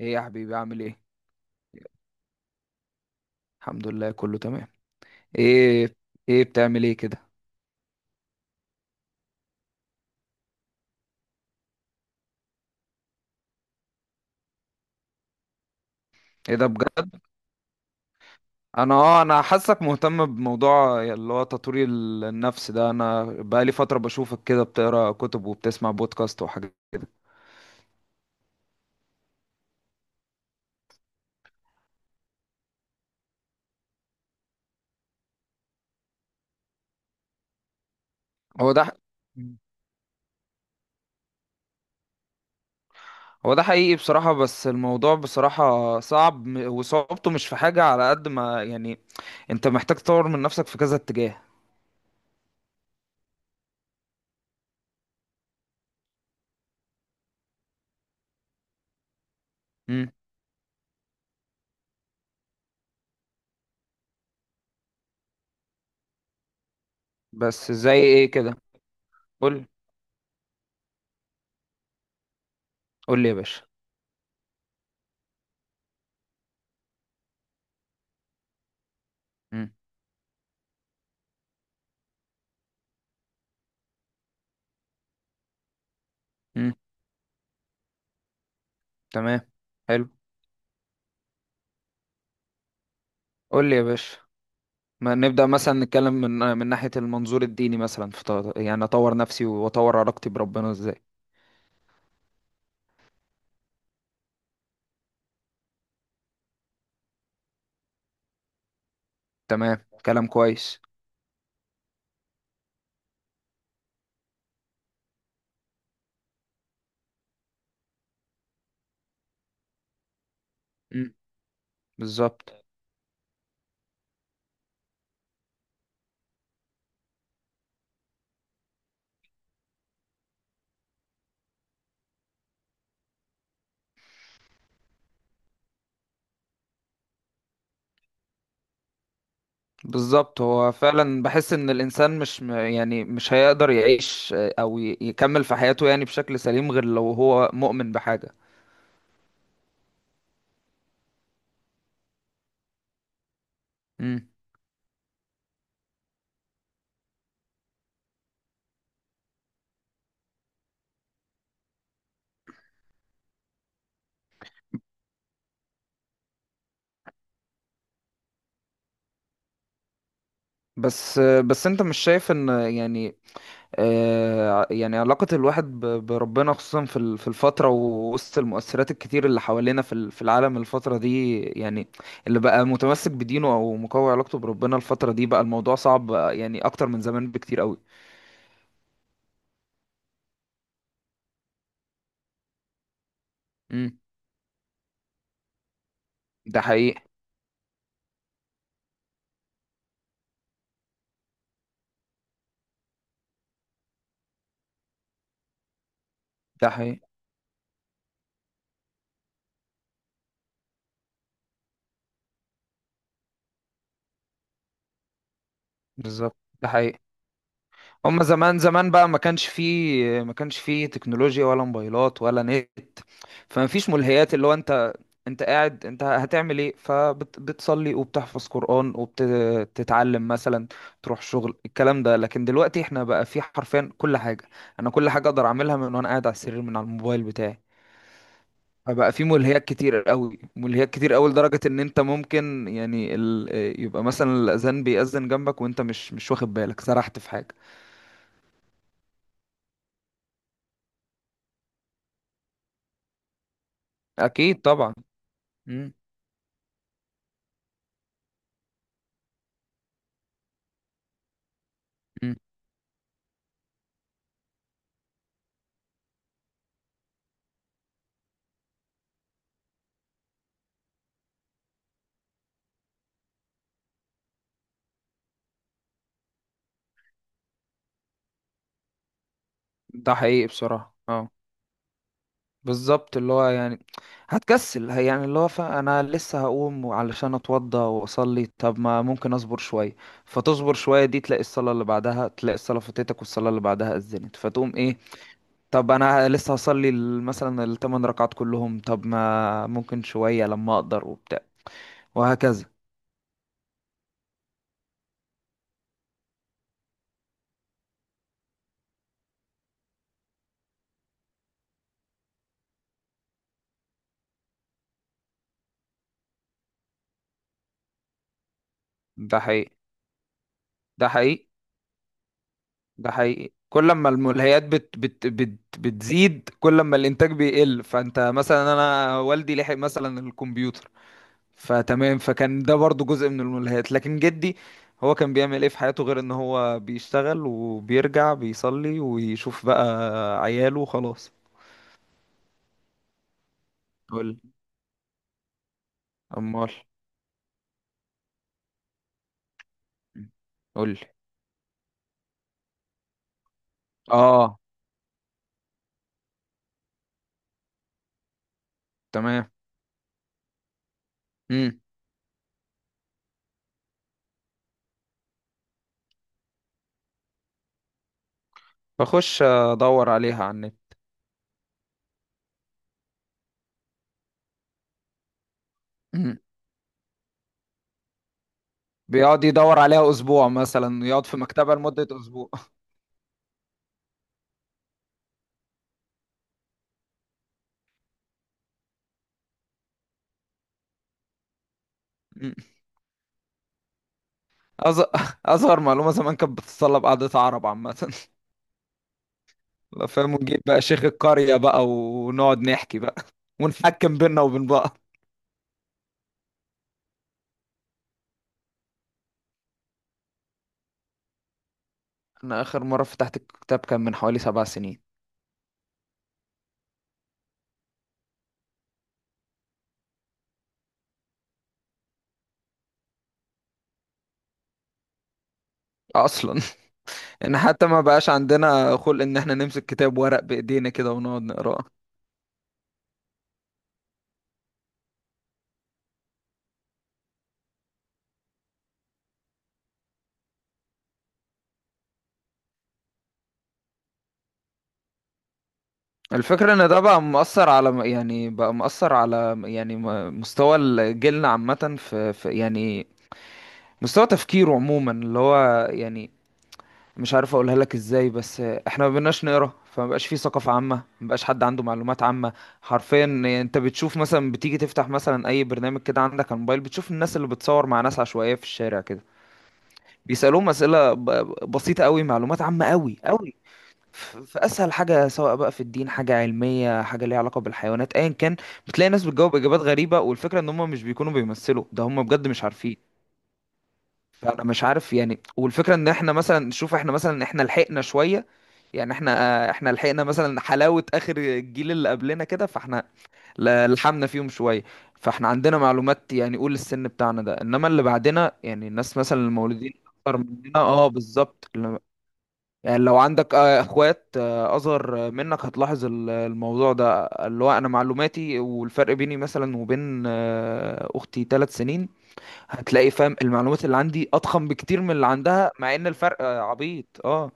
ايه يا حبيبي، عامل ايه؟ الحمد لله، كله تمام. ايه. ايه، بتعمل ايه كده؟ ايه ده بجد؟ انا حاسك مهتم بموضوع اللي هو تطوير النفس ده. انا بقالي فترة بشوفك كده بتقرا كتب وبتسمع بودكاست وحاجات. هو ده ح- هو ده حقيقي بصراحة، بس الموضوع بصراحة صعب، وصعوبته مش في حاجة على قد ما يعني. انت محتاج تطور من نفسك في كذا اتجاه. امم. بس زي ايه كده؟ قول. قول لي يا باشا. امم. امم. تمام. حلو. قول لي يا باشا. ما نبدأ مثلا نتكلم من من ناحية المنظور الديني، مثلا في يعني أطور نفسي وأطور علاقتي بربنا إزاي؟ تمام، كلام كويس. مم. بالظبط. بالظبط، هو فعلا بحس إن الإنسان مش يعني مش هيقدر يعيش، أو يكمل في حياته، يعني بشكل سليم، غير لو هو مؤمن بحاجة. مم. بس، بس أنت مش شايف إن يعني يعني علاقة الواحد بربنا خصوصا في في الفترة، ووسط المؤثرات الكتير اللي حوالينا في في العالم الفترة دي يعني، اللي بقى متمسك بدينه أو مقوي علاقته بربنا الفترة دي بقى الموضوع صعب، يعني أكتر من زمان بكتير قوي. امم. ده حقيقي. ده حقيقي. بالظبط، ده حقيقي. هما زمان زمان بقى، ما كانش فيه تكنولوجيا ولا موبايلات ولا نت. فما فيش ملهيات. اللي هو انت قاعد، انت هتعمل ايه؟ فبتصلي وبتحفظ قرآن وبتتعلم مثلا، تروح شغل، الكلام ده. لكن دلوقتي احنا بقى في حرفيا كل حاجة. انا كل حاجة اقدر اعملها من وانا قاعد على السرير من على الموبايل بتاعي. فبقى في ملهيات كتير قوي، ملهيات كتير قوي، لدرجة ان انت ممكن يعني يبقى مثلا الاذان بيأذن جنبك وانت مش واخد بالك، سرحت في حاجة. اكيد طبعا. مم. مم. ده حقيقي بصراحة، اه. بالظبط، اللي هو يعني هتكسل، يعني اللي هو، انا لسه هقوم علشان اتوضى واصلي، طب ما ممكن اصبر شوية. فتصبر شوية، دي تلاقي الصلاة اللي بعدها، تلاقي الصلاة فاتتك، والصلاة اللي بعدها اذنت، فتقوم ايه؟ طب انا لسه هصلي مثلا الثمان ركعات كلهم، طب ما ممكن شوية لما اقدر وبتاع. وهكذا. ده حقيقي. ده حقيقي. ده حقيقي. كل ما الملهيات بت بت بت بتزيد كل ما الانتاج بيقل. فانت مثلا، انا والدي لحق مثلا الكمبيوتر، فتمام، فكان ده برضو جزء من الملهيات، لكن جدي هو كان بيعمل ايه في حياته غير ان هو بيشتغل وبيرجع بيصلي ويشوف بقى عياله، وخلاص. قول. امال. قول لي. اه. تمام. امم. بخش ادور عليها على النت. مم. بيقعد يدور عليها اسبوع مثلا، يقعد في مكتبة لمدة اسبوع. أز... أصغر معلومة زمان كانت بتتطلب قعدة عرب عامة. لا، فاهم. ونجيب بقى شيخ القرية بقى، ونقعد نحكي بقى. ونحكم بينا وبين بعض. أنا آخر مرة فتحت الكتاب كان من حوالي 7 سنين. أصلا. إن حتى ما بقاش عندنا خلق إن إحنا نمسك كتاب ورق بإيدينا كده ونقعد نقراه. الفكرة إن ده بقى مؤثر على يعني بقى مؤثر على يعني مستوى جيلنا عامة، في يعني مستوى تفكيره عموما، اللي هو يعني مش عارف اقولها لك ازاي، بس احنا ما بقيناش نقرا. فما بقاش في ثقافه عامه، ما بقاش حد عنده معلومات عامه. حرفيا. انت بتشوف مثلا، بتيجي تفتح مثلا اي برنامج كده عندك على الموبايل، بتشوف الناس اللي بتصور مع ناس عشوائيه في الشارع كده، بيسالوهم اسئله بسيطه قوي، معلومات عامه قوي قوي، في اسهل حاجه، سواء بقى في الدين، حاجه علميه، حاجه ليها علاقه بالحيوانات، ايا كان، بتلاقي ناس بتجاوب اجابات غريبه، والفكره ان هم مش بيكونوا بيمثلوا ده، هم بجد مش عارفين. فانا مش عارف يعني. والفكره ان احنا مثلا، شوف، احنا مثلا، احنا لحقنا شويه. يعني احنا لحقنا مثلا حلاوة اخر الجيل اللي قبلنا كده، فاحنا لحمنا فيهم شوية. فاحنا عندنا معلومات يعني قول السن بتاعنا ده، انما اللي بعدنا يعني الناس مثلا المولودين اكتر مننا، اه بالظبط يعني لو عندك اخوات اصغر منك، هتلاحظ الموضوع ده، اللي هو انا معلوماتي، والفرق بيني مثلا وبين اختي 3 سنين، هتلاقي فاهم المعلومات اللي عندي اضخم بكتير من اللي عندها، مع ان الفرق عبيط، اه.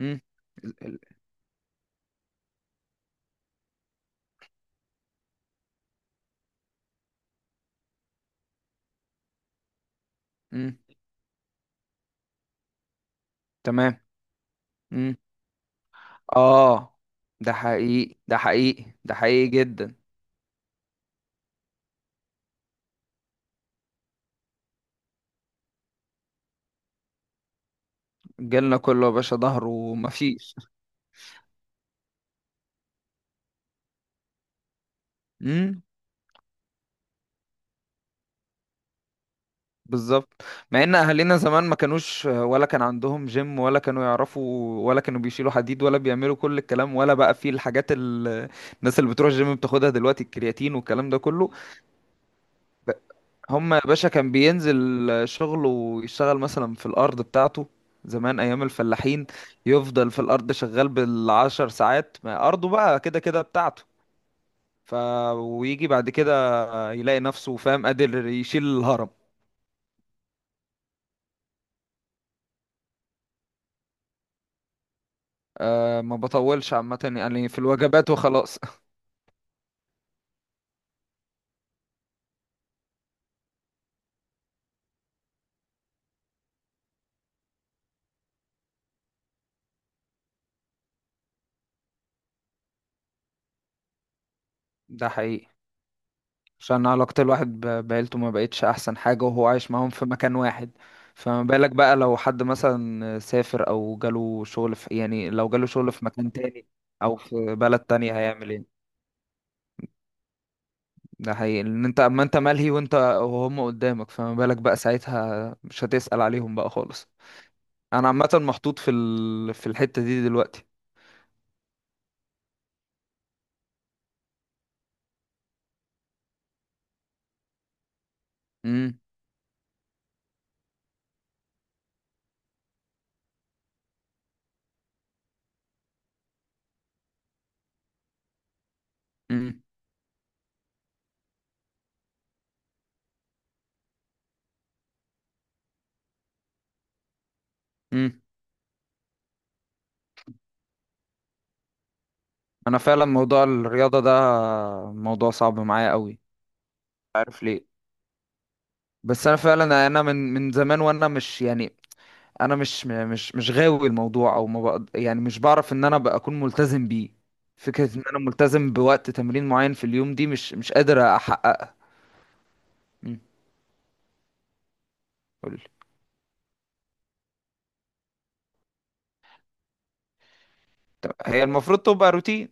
امم. ال- ال- امم. تمام. مم. اه. ده حقيقي. ده حقيقي. ده حقيقي جدا. جيلنا كله يا باشا ظهره ومفيش. امم. بالظبط. مع ان اهالينا زمان ما كانوش، ولا كان عندهم جيم، ولا كانوا يعرفوا، ولا كانوا بيشيلوا حديد، ولا بيعملوا كل الكلام، ولا بقى في الحاجات الناس اللي بتروح الجيم بتاخدها دلوقتي، الكرياتين والكلام ده كله. هما يا باشا كان بينزل شغله ويشتغل مثلا في الأرض بتاعته، زمان أيام الفلاحين، يفضل في الأرض شغال بالعشر ساعات، ما أرضه بقى كده كده بتاعته. ف ويجي بعد كده يلاقي نفسه، فاهم، قادر يشيل الهرم. أه، ما بطولش عامة، يعني في الوجبات وخلاص. ده حقيقي. عشان علاقة الواحد بعيلته ما بقتش أحسن حاجة وهو عايش معاهم في مكان واحد. فما بالك بقى لو حد مثلا سافر أو جاله شغل في، يعني لو جاله شغل في مكان تاني أو في بلد تانية، هيعمل ايه؟ ده حقيقي، إن أنت، أما أنت ملهي وأنت وهم قدامك، فما بالك بقى ساعتها، مش هتسأل عليهم بقى خالص. أنا عامة محطوط في في الحتة دي دلوقتي. امم. امم. امم. أنا فعلا موضوع الرياضة ده موضوع صعب معايا قوي. عارف ليه؟ بس انا فعلا، انا من زمان، وانا مش يعني، انا مش غاوي الموضوع او ما بقد، يعني مش بعرف ان انا بقى اكون ملتزم بيه. فكرة ان انا ملتزم بوقت تمرين معين في اليوم دي مش قادر احققها. مم. قولي. طب هي المفروض تبقى روتين.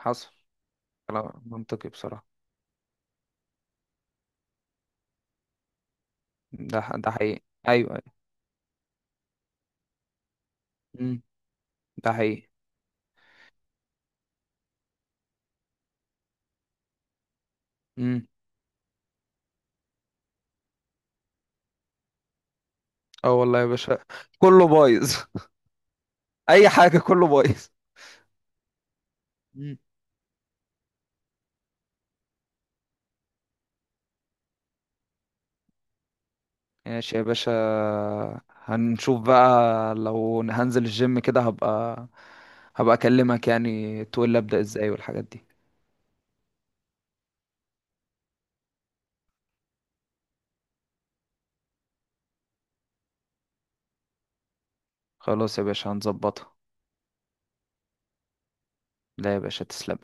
حصل. كلام منطقي بصراحة. ده حقيقي. ايوه، ايوه. مم. ده حقيقي. مم. اه، والله يا باشا، كله بايظ. اي حاجة، كله بايظ. ماشي يا باشا. هنشوف بقى لو هنزل الجيم كده، هبقى اكلمك، يعني تقول لي ابدأ ازاي والحاجات دي. خلاص يا باشا، هنظبطها. لا يا باشا، تسلم.